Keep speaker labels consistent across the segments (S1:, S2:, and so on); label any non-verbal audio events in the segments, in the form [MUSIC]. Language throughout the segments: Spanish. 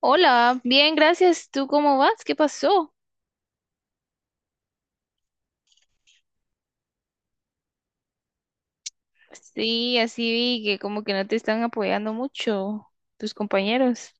S1: Hola, bien, gracias. ¿Tú cómo vas? ¿Qué pasó? Sí, así vi que como que no te están apoyando mucho tus compañeros.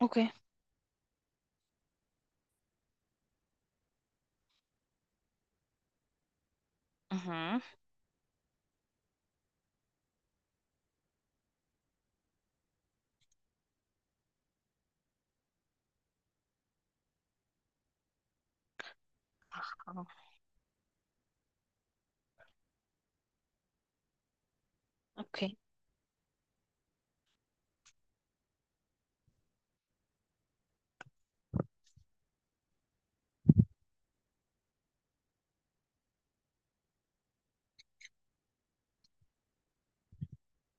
S1: Ok. Ajá. Ajá. Ok.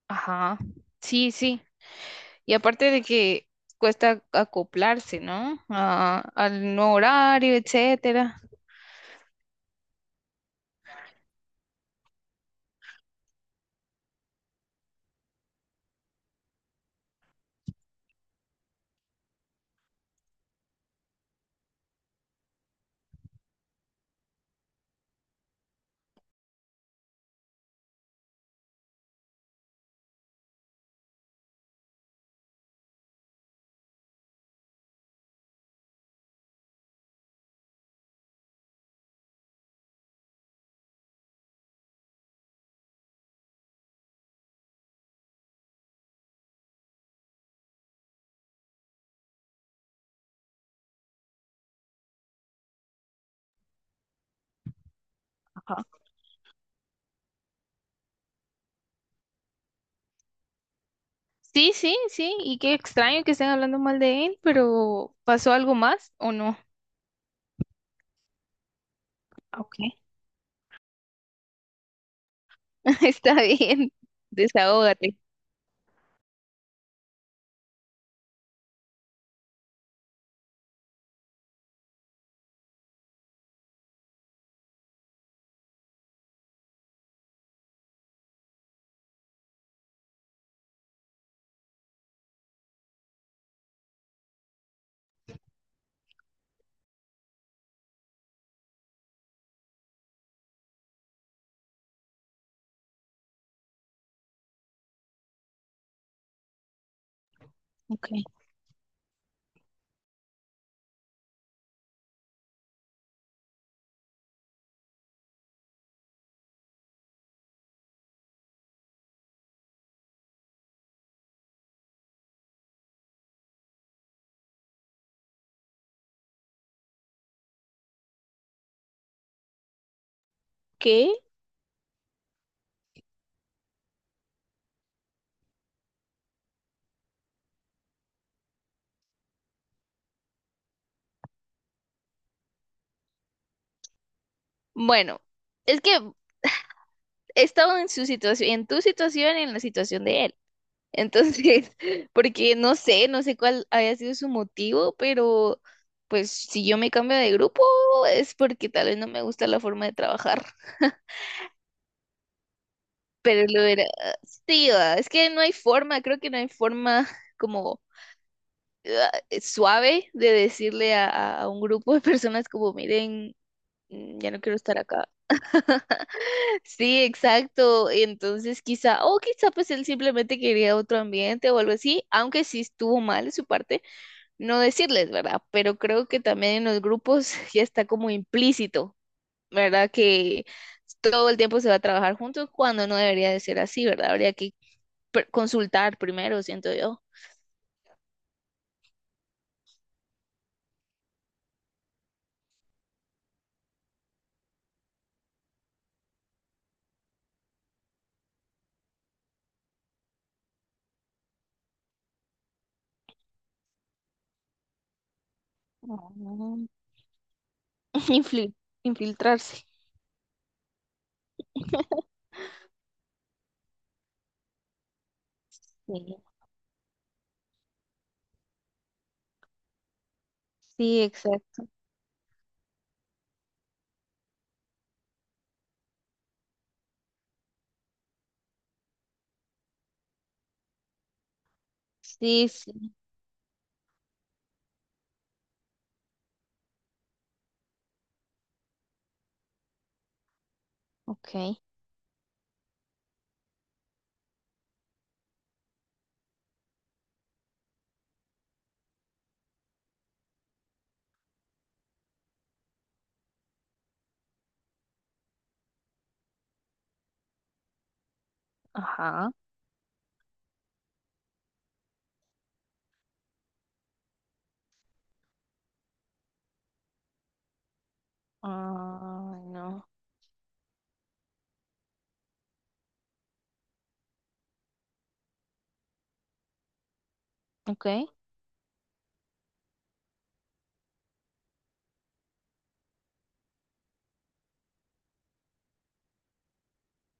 S1: Ajá. Sí, sí. Y aparte de que cuesta acoplarse, ¿no? Al nuevo horario, etcétera. Ajá. Sí, sí, sí. Y qué extraño que estén hablando mal de él, pero ¿pasó algo más o no? Ok. [LAUGHS] Está bien. Desahógate. Ok. ¿Qué? Bueno, es que he estado en su situación, en tu situación y en la situación de él. Entonces, [LAUGHS] porque no sé cuál había sido su motivo, pero pues si yo me cambio de grupo es porque tal vez no me gusta la forma de trabajar. [LAUGHS] Pero lo era, sí, es que no hay forma, creo que no hay forma [LAUGHS] como ah, suave de decirle a, a un grupo de personas como, miren, ya no quiero estar acá. [LAUGHS] Sí, exacto. Entonces quizá, o quizá pues él simplemente quería otro ambiente o algo así, aunque sí estuvo mal de su parte no decirles, ¿verdad? Pero creo que también en los grupos [LAUGHS] ya está como implícito, ¿verdad? Que todo el tiempo se va a trabajar juntos cuando no debería de ser así, ¿verdad? Habría que consultar primero, siento yo. Mm, Influ- [LAUGHS] infiltrarse. Sí, sí, exacto. Sí, sí. Ok. Ajá. Ah, no. Ok.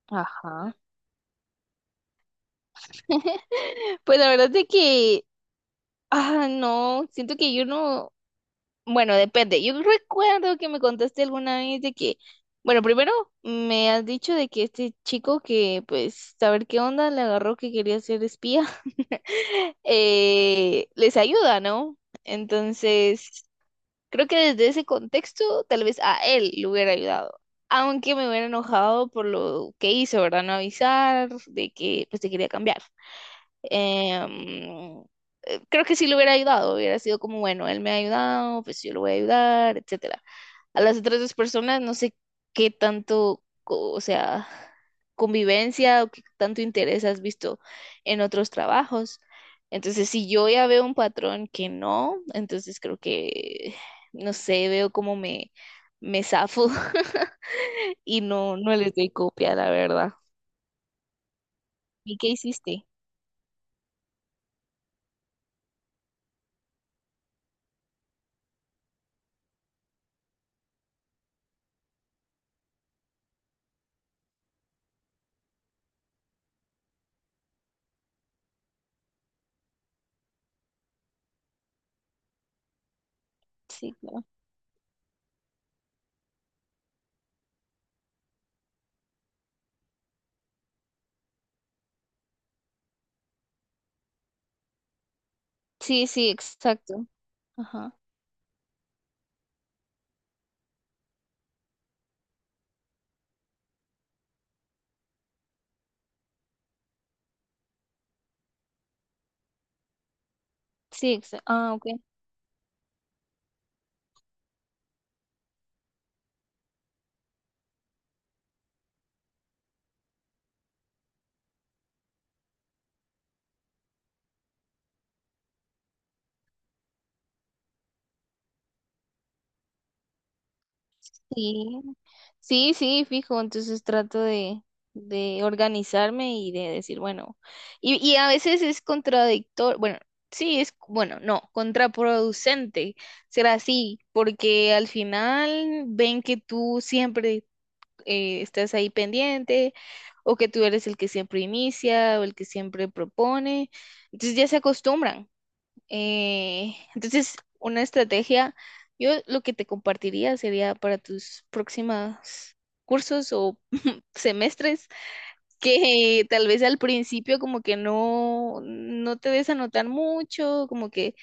S1: Ajá. [LAUGHS] Pues la verdad es que, no, siento que yo no, bueno, depende. Yo recuerdo que me contaste alguna vez de que, bueno, primero me has dicho de que este chico que, pues, saber qué onda, le agarró que quería ser espía, [LAUGHS] les ayuda, ¿no? Entonces, creo que desde ese contexto tal vez a él le hubiera ayudado, aunque me hubiera enojado por lo que hizo, ¿verdad? No avisar de que pues te quería cambiar. Em, creo que sí le hubiera ayudado, hubiera sido como, bueno, él me ha ayudado, pues yo lo voy a ayudar, etcétera. A las otras dos personas no sé qué tanto, o sea, convivencia o qué tanto interés has visto en otros trabajos. Entonces, si yo ya veo un patrón que no, entonces creo que no sé, veo cómo me zafo [LAUGHS] y no, no les doy copia, la verdad. ¿Y qué hiciste? Sí, claro. Sí, sí, exacto. Ajá. Sí, exacto. Ah, ok. Sí. Sí, sí, fijo. Entonces trato de organizarme y de decir, bueno, y a veces es contradictorio, bueno, sí, es, bueno, no, contraproducente será así, porque al final ven que tú siempre estás ahí pendiente o que tú eres el que siempre inicia o el que siempre propone. Entonces ya se acostumbran. Entonces, una estrategia, yo lo que te compartiría sería para tus próximas cursos o [LAUGHS] semestres, que tal vez al principio como que no te des anotar mucho, como que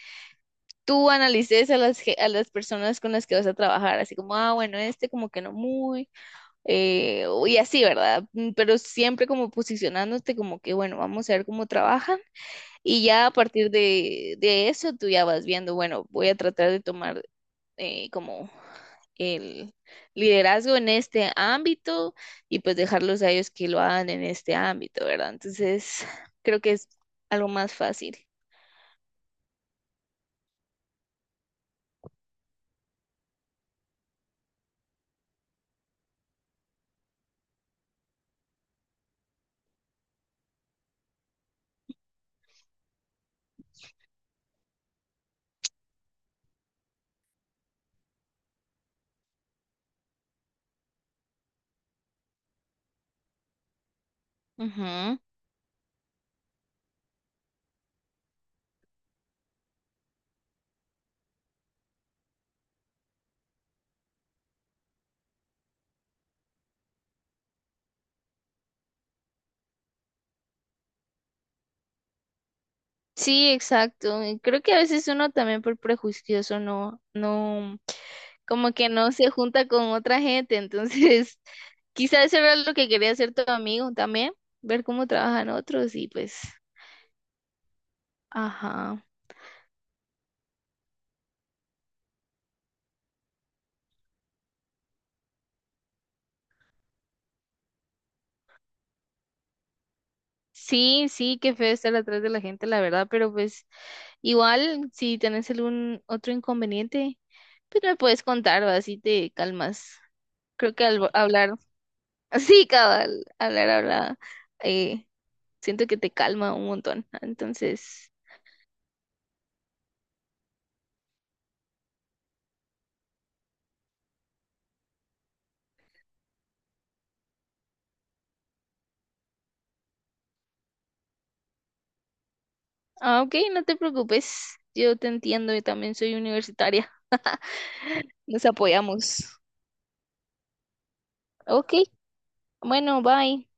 S1: tú analices a a las personas con las que vas a trabajar, así como, ah, bueno, este como que no muy y así, ¿verdad? Pero siempre como posicionándote como que, bueno, vamos a ver cómo trabajan y ya a partir de eso tú ya vas viendo, bueno, voy a tratar de tomar como el liderazgo en este ámbito y pues dejarlos a ellos que lo hagan en este ámbito, ¿verdad? Entonces, creo que es algo más fácil. Ujú. Sí, exacto. Y creo que a veces uno también por prejuicioso como que no se junta con otra gente. Entonces, [LAUGHS] quizás eso era lo que quería hacer tu amigo también, ver cómo trabajan otros y pues, ajá. Sí, sí, qué feo estar atrás de la gente, la verdad, pero pues igual si tenés algún otro inconveniente, pues me puedes contar, ¿va? Así te calmas. Creo que al hablar, [LAUGHS] sí, cabal, hablar, eh, siento que te calma un montón. Entonces, ah, ok, no te preocupes. Yo te entiendo, y también soy universitaria. [LAUGHS] Nos apoyamos. Ok, bueno, bye.